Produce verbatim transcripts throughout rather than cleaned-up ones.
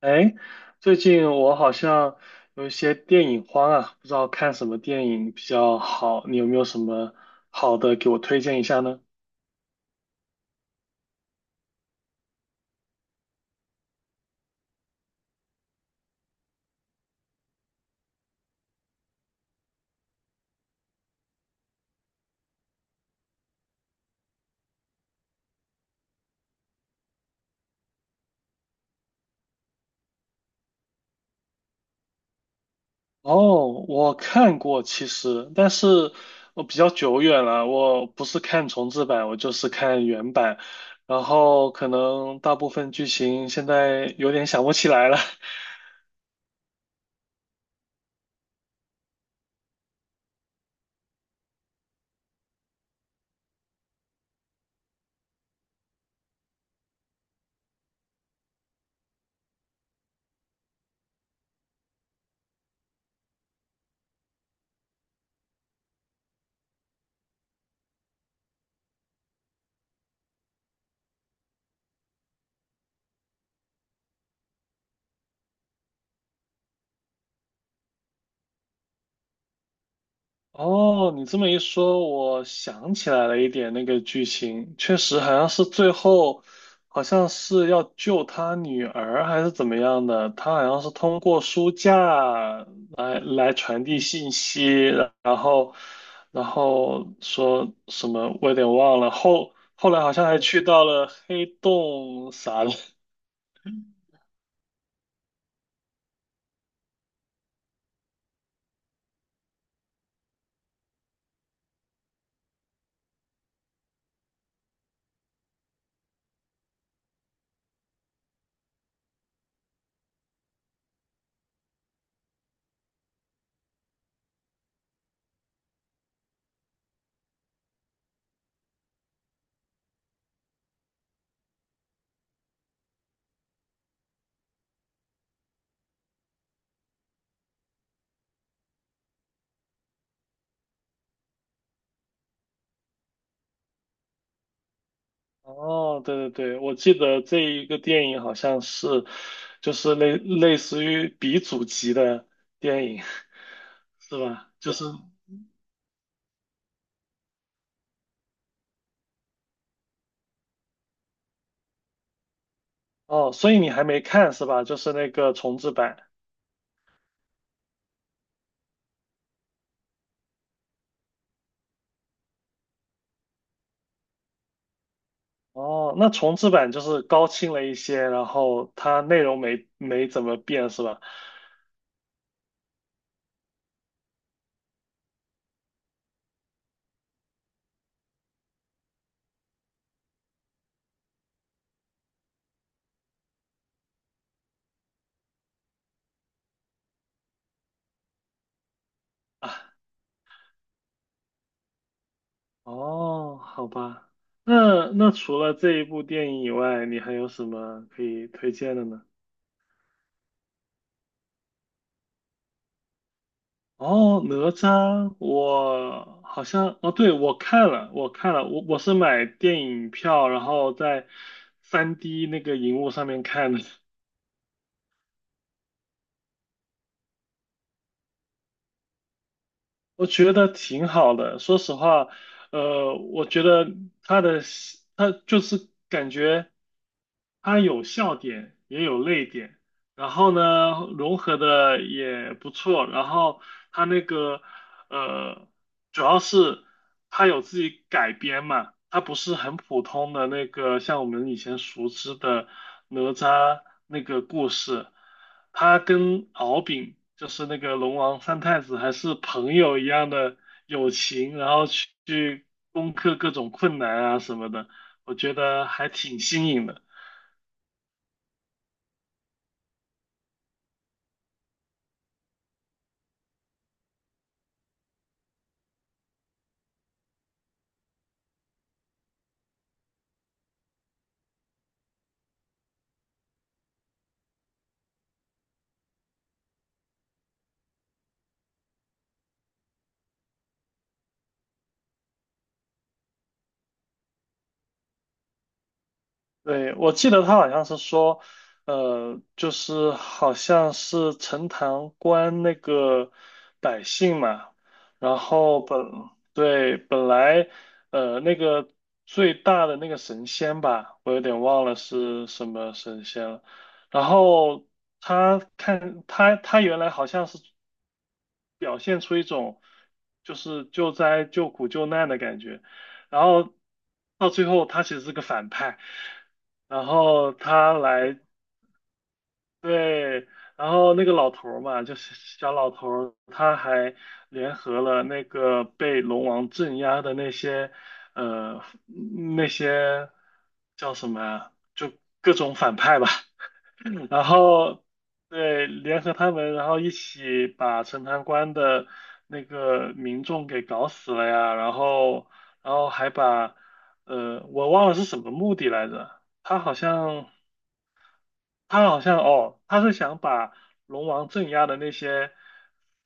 哎，最近我好像有一些电影荒啊，不知道看什么电影比较好，你有没有什么好的给我推荐一下呢？哦，我看过其实，但是我比较久远了，我不是看重制版，我就是看原版，然后可能大部分剧情现在有点想不起来了，哦，你这么一说，我想起来了一点那个剧情，确实好像是最后，好像是要救他女儿还是怎么样的，他好像是通过书架来来传递信息，然后然后说什么我有点忘了，后后来好像还去到了黑洞啥的，哦，对对对，我记得这一个电影好像是，就是类类似于鼻祖级的电影，是吧？就是哦，所以你还没看是吧？就是那个重制版。哦，那重制版就是高清了一些，然后它内容没没怎么变是吧？啊，哦，好吧。那那除了这一部电影以外，你还有什么可以推荐的呢？哦，哪吒，我好像哦，对，我看了，我看了，我我是买电影票，然后在三 d 那个荧幕上面看的，我觉得挺好的。说实话，呃，我觉得他的戏他就是感觉。它有笑点，也有泪点，然后呢，融合的也不错。然后它那个呃，主要是它有自己改编嘛，它不是很普通的那个像我们以前熟知的哪吒那个故事，它跟敖丙就是那个龙王三太子还是朋友一样的友情，然后去去攻克各种困难啊什么的，我觉得还挺新颖的。对，我记得他好像是说，呃，就是好像是陈塘关那个百姓嘛，然后本，对，本来，呃，那个最大的那个神仙吧，我有点忘了是什么神仙了，然后他看他他原来好像是。表现出一种就是救灾、救苦、救难的感觉。然后到最后，他其实是个反派，然后他来，对，然后那个老头儿嘛，就是小老头儿，他还联合了那个被龙王镇压的那些，呃，那些叫什么呀？就各种反派吧。然后对，联合他们，然后一起把陈塘关的那个民众给搞死了呀，然后然后还把呃，我忘了是什么目的来着，他好像他好像哦，他是想把龙王镇压的那些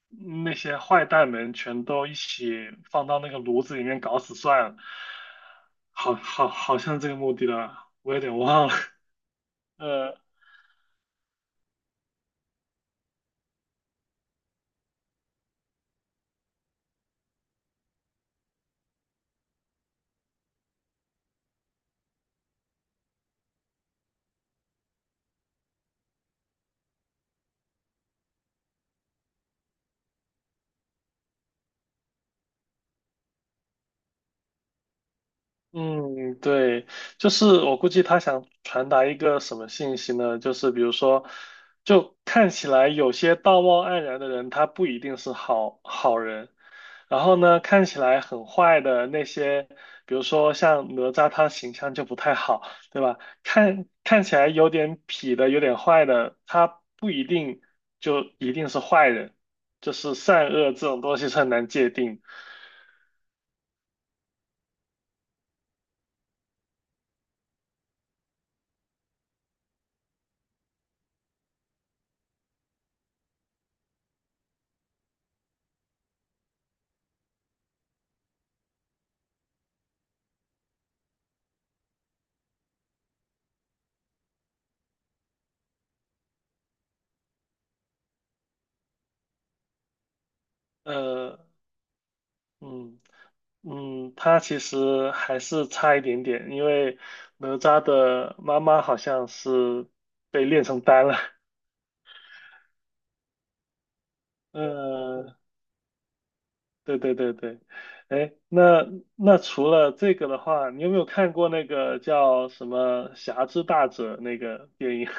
那些坏蛋们全都一起放到那个炉子里面搞死算了，好好好像这个目的了，我有点忘了，嗯，对，就是我估计他想传达一个什么信息呢？就是比如说，就看起来有些道貌岸然的人，他不一定是好好人。然后呢，看起来很坏的那些，比如说像哪吒，他形象就不太好，对吧？看看起来有点痞的、有点坏的，他不一定就一定是坏人，就是善恶这种东西是很难界定。呃，嗯。嗯，他其实还是差一点点，因为哪吒的妈妈好像是被炼成丹了。嗯，对对对对，哎，那那除了这个的话，你有没有看过那个叫什么《侠之大者》那个电影？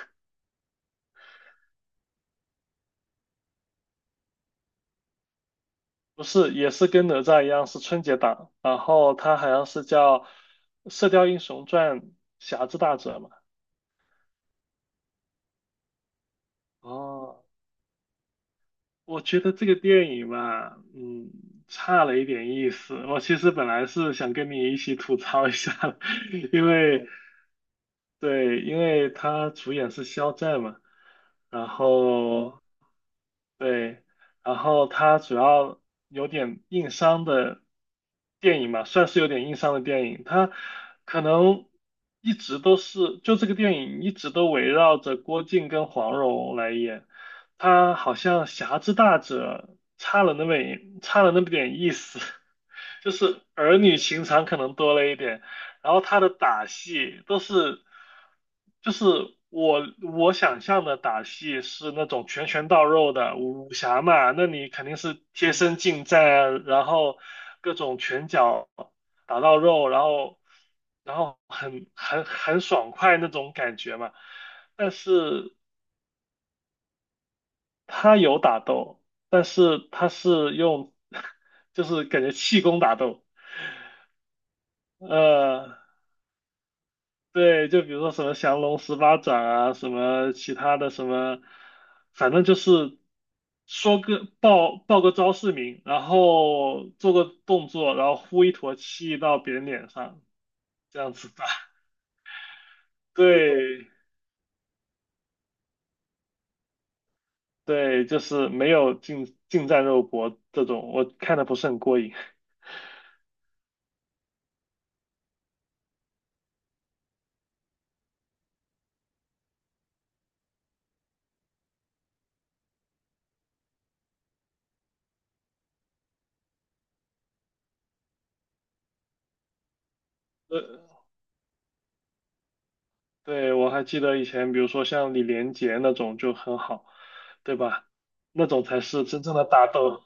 不是，也是跟哪吒一样是春节档，然后它好像是叫《射雕英雄传：侠之大者》嘛。哦，我觉得这个电影吧，嗯，差了一点意思。我其实本来是想跟你一起吐槽一下的 因为对，因为他主演是肖战嘛，然后对，然后它主要有点硬伤的电影嘛，算是有点硬伤的电影。它可能一直都是，就这个电影一直都围绕着郭靖跟黄蓉来演，他好像侠之大者差了那么一差了那么点意思。就是儿女情长可能多了一点，然后他的打戏都是，就是我我想象的打戏是那种拳拳到肉的武武侠嘛，那你肯定是贴身近战啊然后各种拳脚打到肉，然后然后很很很爽快那种感觉嘛，但是他有打斗，但是他是用 就是感觉气功打斗，呃。对，就比如说什么降龙十八掌啊，什么其他的什么，反正就是说个报报个招式名，然后做个动作，然后呼一坨气到别人脸上，这样子打。对对，就是没有近近战肉搏这种，我看的不是很过瘾。呃，对，我还记得以前，比如说像李连杰那种就很好，对吧？那种才是真正的打斗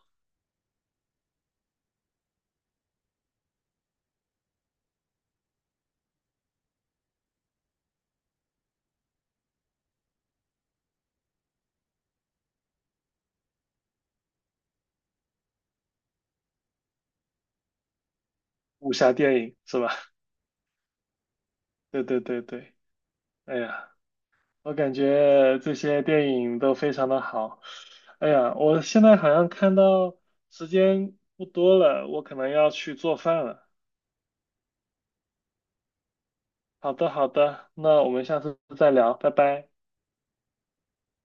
武侠电影，是吧？对对对对。哎呀，我感觉这些电影都非常的好。哎呀，我现在好像看到时间不多了，我可能要去做饭了。好的，好的，那我们下次再聊，拜拜。